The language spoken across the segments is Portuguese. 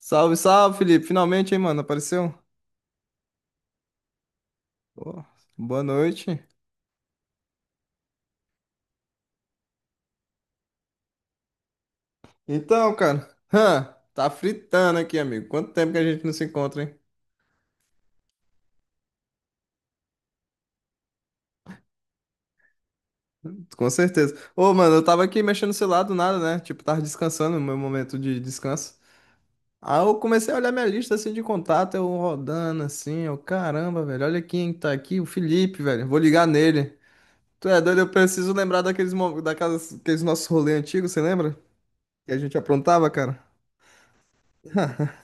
Salve, salve, Felipe. Finalmente, hein, mano? Apareceu? Ô, boa noite. Então, cara, tá fritando aqui, amigo. Quanto tempo que a gente não se encontra, hein? Com certeza. Ô, mano, eu tava aqui mexendo no celular do nada, né? Tipo, tava descansando no meu momento de descanso. Aí eu comecei a olhar minha lista assim de contato, eu rodando assim, eu, caramba, velho, olha quem tá aqui, o Felipe, velho. Vou ligar nele. Tu é doido, eu preciso lembrar daqueles nossos rolês antigos, você lembra? Que a gente aprontava, cara.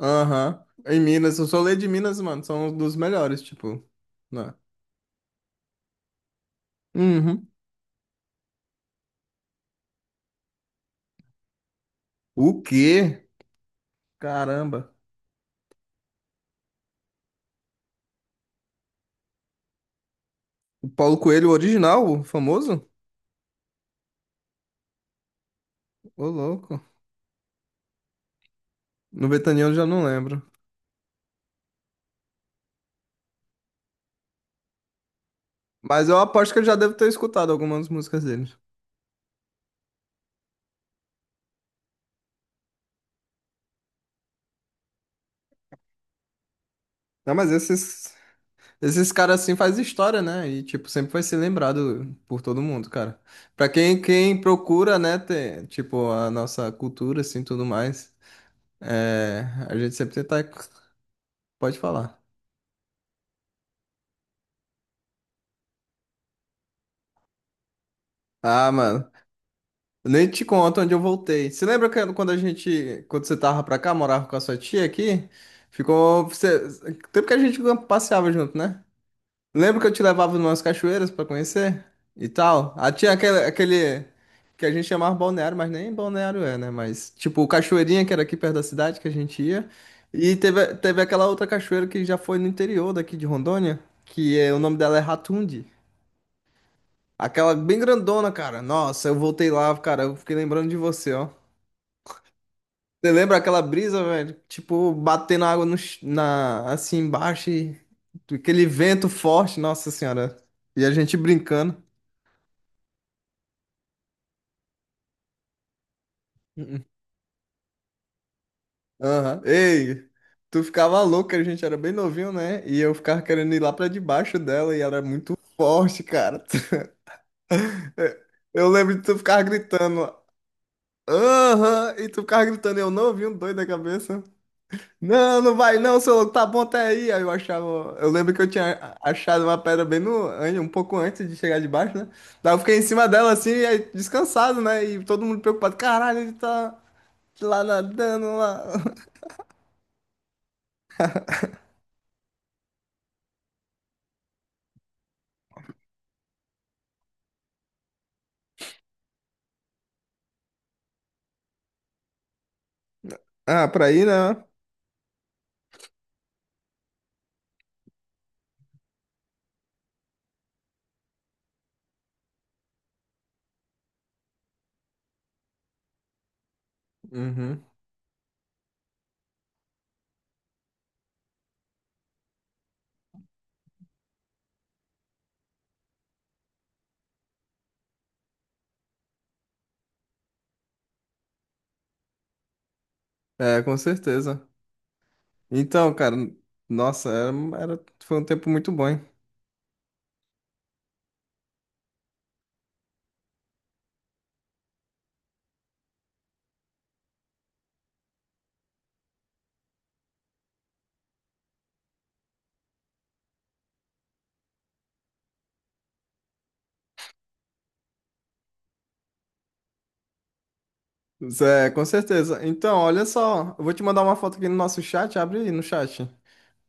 Aham. Em Minas, eu sou lei de Minas, mano. São um dos melhores, tipo. Né? Uhum. O quê? Caramba. O Paulo Coelho original, o famoso? Ô, louco. No Betaniano eu já não lembro. Mas eu aposto que eu já devo ter escutado algumas músicas dele. Não, mas esses caras assim faz história, né? E, tipo, sempre vai ser lembrado por todo mundo, cara. Pra quem procura, né, ter, tipo, a nossa cultura, assim, tudo mais, é, a gente sempre tenta... Pode falar. Ah, mano. Nem te conto onde eu voltei. Você lembra que quando você tava pra cá, morava com a sua tia aqui? Ficou, você, tempo que a gente passeava junto, né? Lembra que eu te levava numas cachoeiras pra conhecer e tal? Ah, tinha aquele que a gente chamava balneário, mas nem balneário é, né? Mas tipo, cachoeirinha que era aqui perto da cidade que a gente ia. E teve aquela outra cachoeira que já foi no interior daqui de Rondônia, que é, o nome dela é Ratundi. Aquela bem grandona, cara. Nossa, eu voltei lá, cara. Eu fiquei lembrando de você, ó. Você lembra aquela brisa, velho? Tipo, batendo água no, ch- na, assim embaixo e aquele vento forte, nossa senhora. E a gente brincando. Aham. Ei, tu ficava louco, a gente era bem novinho, né? E eu ficava querendo ir lá pra debaixo dela e era muito forte, cara. Eu lembro de tu ficar gritando. Aham, e tu ficava gritando, eu não ouvi um doido da cabeça. Não, não vai não, seu louco, tá bom até aí. Aí eu achava. Eu lembro que eu tinha achado uma pedra bem no. Um pouco antes de chegar debaixo, né? Daí eu fiquei em cima dela assim, e aí, descansado, né? E todo mundo preocupado. Caralho, ele tá lá nadando lá. Ah, pra ir, né? Uhum. É, com certeza. Então, cara, nossa, foi um tempo muito bom, hein? Zé, com certeza. Então, olha só, eu vou te mandar uma foto aqui no nosso chat, abre aí no chat.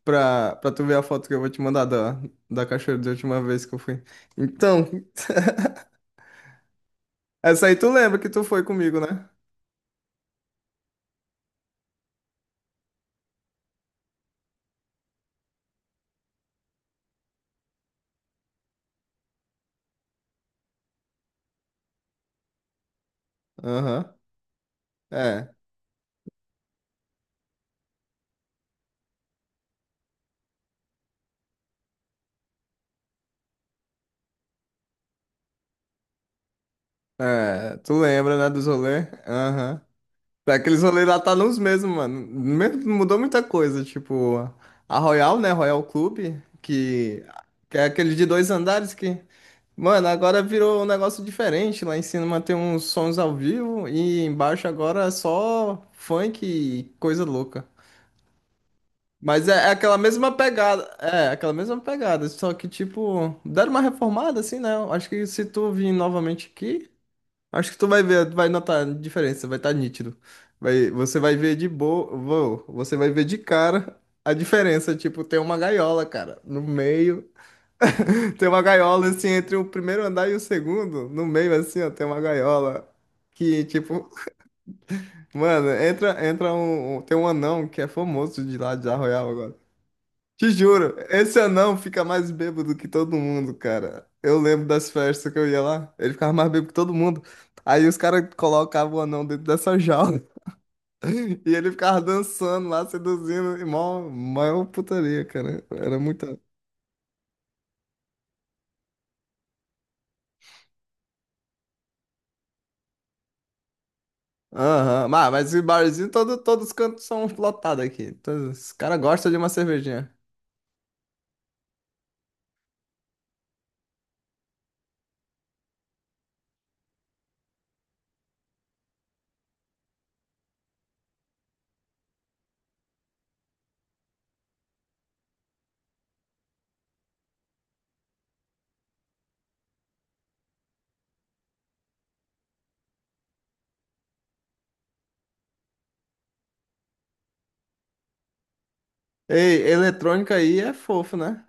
Pra tu ver a foto que eu vou te mandar da cachoeira da última vez que eu fui. Então, essa aí tu lembra que tu foi comigo, né? Aham. É. É. Tu lembra, né, dos rolês? Aham. É, aqueles rolês lá tá nos mesmos, mano. Me- mudou muita coisa. Tipo, a Royal, né? Royal Club, que, que é aquele de dois andares que. Mano, agora virou um negócio diferente. Lá em cima tem uns sons ao vivo e embaixo agora é só funk e coisa louca. Mas é, é aquela mesma pegada. É, aquela mesma pegada. Só que, tipo, deram uma reformada, assim, né? Eu acho que se tu vir novamente aqui, acho que tu vai ver, vai notar a diferença, vai estar nítido. Vai, você vai ver de boa. Você vai ver de cara a diferença. Tipo, tem uma gaiola, cara, no meio. Tem uma gaiola, assim, entre o primeiro andar e o segundo. No meio, assim, ó, tem uma gaiola. Que, tipo, mano, tem um anão que é famoso de lá de Arroial agora. Te juro, esse anão fica mais bêbado que todo mundo, cara. Eu lembro das festas que eu ia lá, ele ficava mais bêbado que todo mundo. Aí os caras colocavam o anão dentro dessa jaula e ele ficava dançando lá, seduzindo, e mó, mó putaria, cara. Era muita. Aham, mas o barzinho, todos os cantos são lotados aqui. Todos- os caras gostam de uma cervejinha. Ei, eletrônica aí é fofo, né?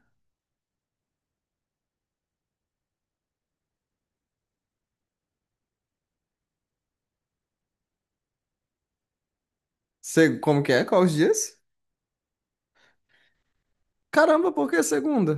Se- como que é? Quais os dias? Caramba, por que segunda?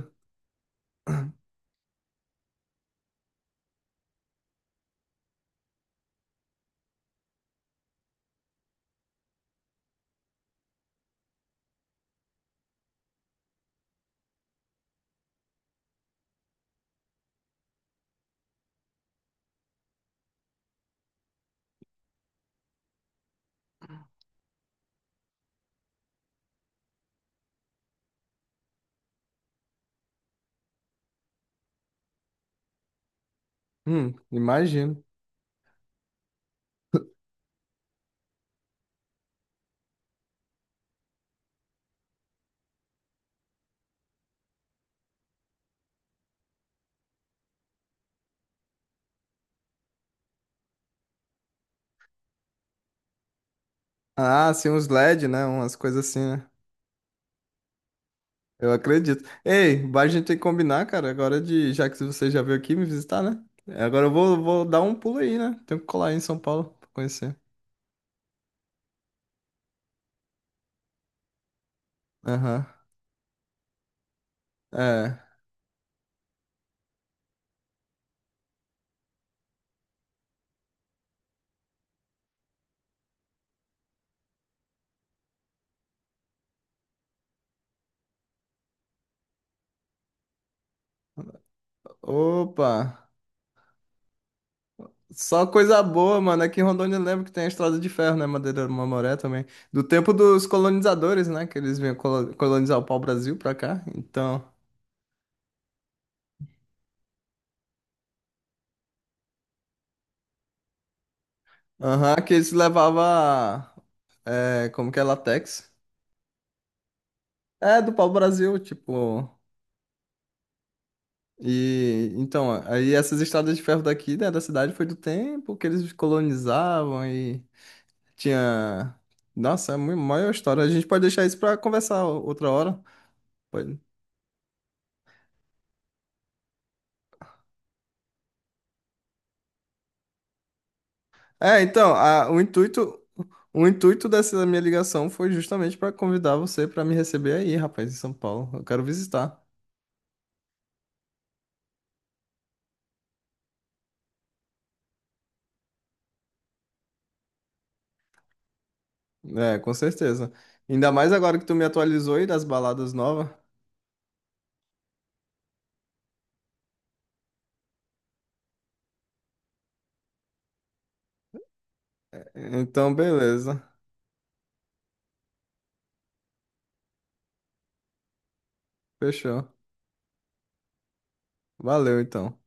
Imagino. Ah, sim, uns LED, né? Umas coisas assim, né? Eu acredito. Ei, vai, a gente tem que combinar, cara, agora de, já que você já veio aqui me visitar, né? É, agora vou dar um pulo aí, né? Tenho que colar aí em São Paulo pra conhecer. Aham. É. Opa! Só coisa boa, mano. Aqui em Rondônia eu lembro que tem a Estrada de Ferro, né? Madeira do Mamoré também. Do tempo dos colonizadores, né? Que eles vinham colo- colonizar o pau-brasil pra cá. Então. Aham, que eles levavam. É, como que é? Latex. É, do pau-brasil, tipo. E então, aí essas estradas de ferro daqui, né, da cidade foi do tempo que eles colonizavam e tinha. Nossa, é uma maior história. A gente pode deixar isso para conversar outra hora. Pode. É, então, o intuito dessa minha ligação foi justamente para convidar você para me receber aí, rapaz, em São Paulo. Eu quero visitar. É, com certeza. Ainda mais agora que tu me atualizou aí das baladas novas. Então, beleza. Fechou. Valeu, então.